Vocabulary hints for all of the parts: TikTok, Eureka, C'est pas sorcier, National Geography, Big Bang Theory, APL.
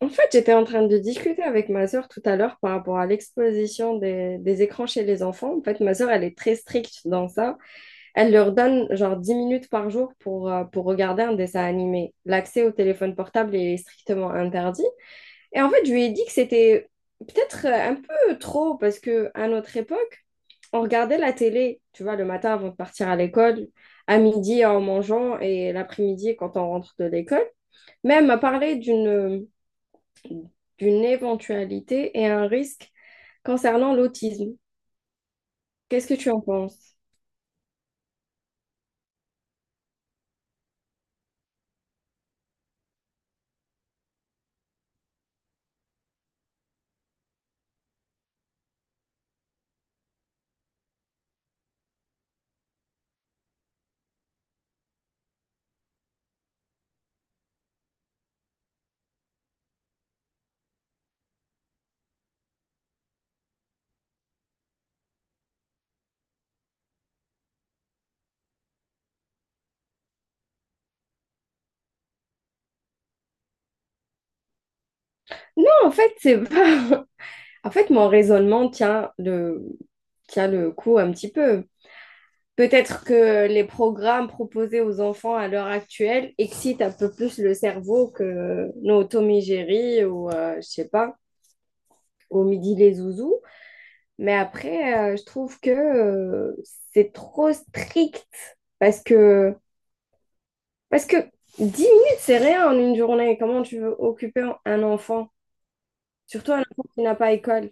En fait, j'étais en train de discuter avec ma sœur tout à l'heure par rapport à l'exposition des écrans chez les enfants. En fait, ma sœur, elle est très stricte dans ça. Elle leur donne genre 10 minutes par jour pour regarder un dessin animé. L'accès au téléphone portable est strictement interdit. Et en fait, je lui ai dit que c'était peut-être un peu trop parce que à notre époque, on regardait la télé, tu vois, le matin avant de partir à l'école, à midi en mangeant et l'après-midi quand on rentre de l'école. Même à parler d'une éventualité et un risque concernant l'autisme. Qu'est-ce que tu en penses? Non, en fait, c'est pas... En fait, mon raisonnement tient le coup un petit peu. Peut-être que les programmes proposés aux enfants à l'heure actuelle excitent un peu plus le cerveau que nos Tommy Jerry ou, je sais pas, au midi les zouzous. Mais après, je trouve que c'est trop strict parce que Parce que 10 minutes, c'est rien en une journée. Comment tu veux occuper un enfant? Surtout un enfant qui n'a pas école.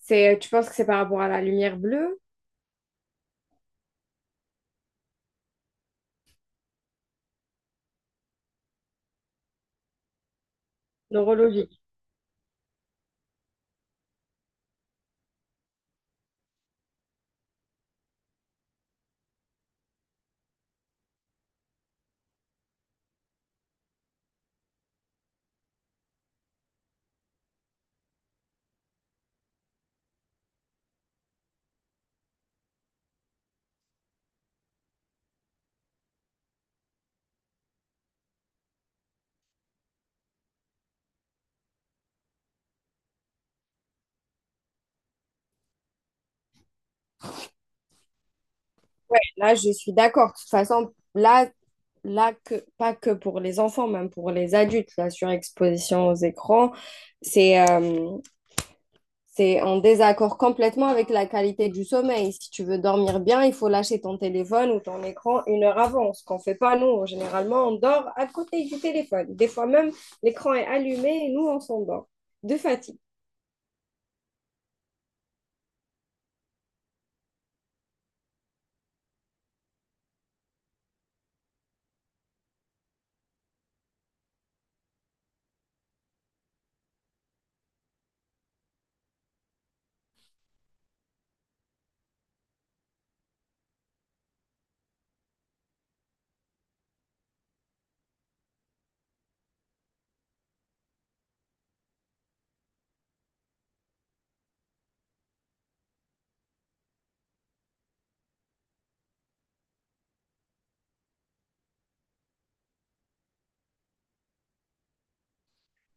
C'est, tu penses que c'est par rapport à la lumière bleue? Neurologique. Ouais, là, je suis d'accord. De toute façon, là, pas que pour les enfants, même pour les adultes, la surexposition aux écrans, c'est euh, c'est en désaccord complètement avec la qualité du sommeil. Si tu veux dormir bien, il faut lâcher ton téléphone ou ton écran une heure avant, ce qu'on ne fait pas nous. Généralement, on dort à côté du téléphone. Des fois même, l'écran est allumé et nous, on s'endort de fatigue.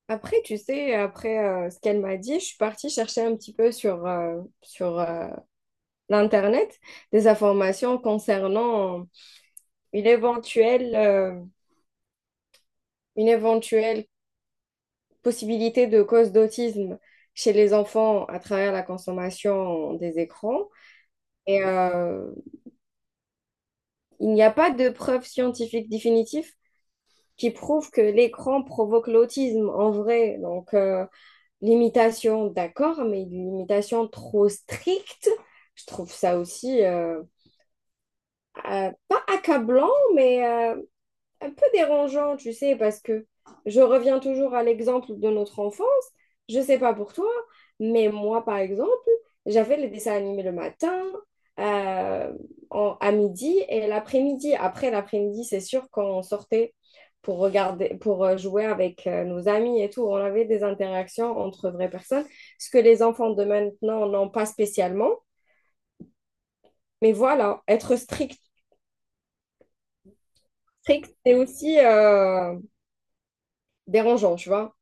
Après, tu sais, après ce qu'elle m'a dit, je suis partie chercher un petit peu sur l'Internet des informations concernant une éventuelle, euh, une éventuelle possibilité de cause d'autisme chez les enfants à travers la consommation des écrans. Et euh, il n'y a pas de preuve scientifique définitive qui prouve que l'écran provoque l'autisme en vrai. Donc, l'imitation, d'accord, mais une limitation trop stricte, je trouve ça aussi pas accablant, mais un peu dérangeant, tu sais, parce que je reviens toujours à l'exemple de notre enfance. Je sais pas pour toi, mais moi, par exemple, j'avais les dessins animés le matin, euh, à midi et l'après-midi. Après l'après-midi, c'est sûr, quand on sortait pour regarder, pour jouer avec nos amis et tout, on avait des interactions entre vraies personnes, ce que les enfants de maintenant n'ont pas spécialement. Mais voilà, être strict, c'est aussi dérangeant, tu vois.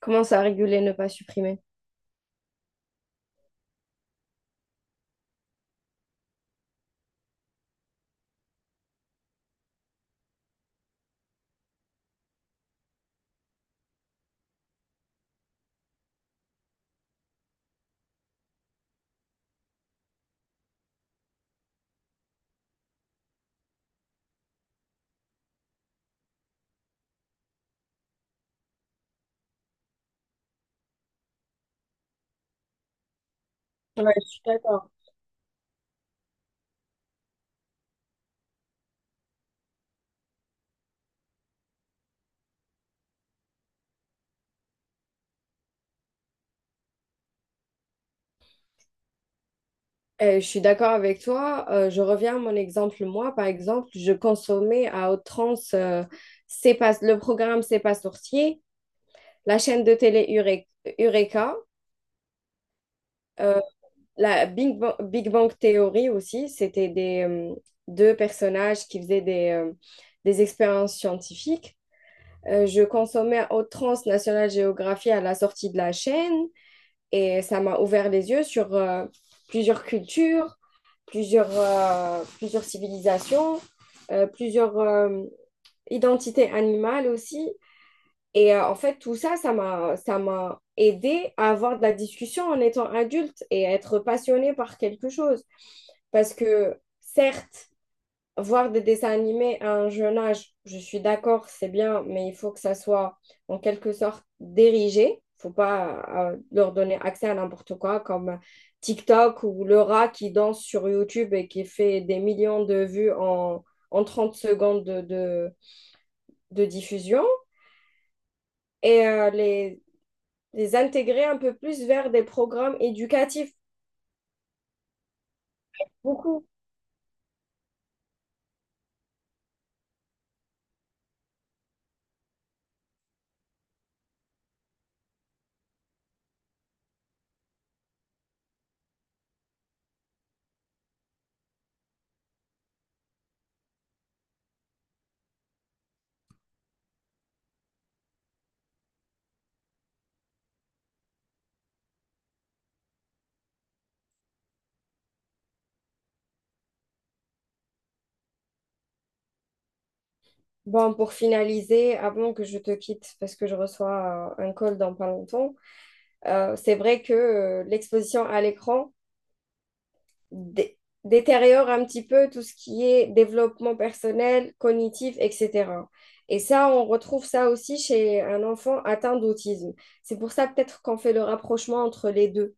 Commence à réguler, ne pas supprimer. Ouais, je suis d'accord. Je suis d'accord avec toi. Je reviens à mon exemple. Moi, par exemple, je consommais à outrance C'est pas, le programme C'est pas sorcier, la chaîne de télé Eureka, euh, Big Bang Theory aussi. C'était des deux personnages qui faisaient des expériences scientifiques. Je consommais à outrance National Geography à la sortie de la chaîne et ça m'a ouvert les yeux sur plusieurs cultures, plusieurs civilisations, plusieurs identités animales aussi. Et en fait, tout ça, ça m'a aidé à avoir de la discussion en étant adulte et à être passionnée par quelque chose. Parce que certes, voir des dessins animés à un jeune âge, je suis d'accord, c'est bien, mais il faut que ça soit en quelque sorte dirigé. Faut pas leur donner accès à n'importe quoi, comme TikTok ou le rat qui danse sur YouTube et qui fait des millions de vues en 30 secondes de diffusion. Et les intégrer un peu plus vers des programmes éducatifs. Beaucoup. Bon, pour finaliser, avant que je te quitte, parce que je reçois un call dans pas longtemps. C'est vrai que l'exposition à l'écran dé- détériore un petit peu tout ce qui est développement personnel, cognitif, etc. Et ça, on retrouve ça aussi chez un enfant atteint d'autisme. C'est pour ça peut-être qu'on fait le rapprochement entre les deux.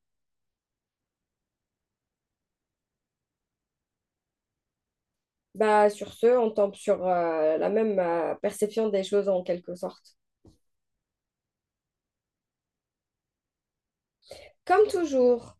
Bah, sur ce, on tombe sur la même perception des choses en quelque sorte. Comme toujours.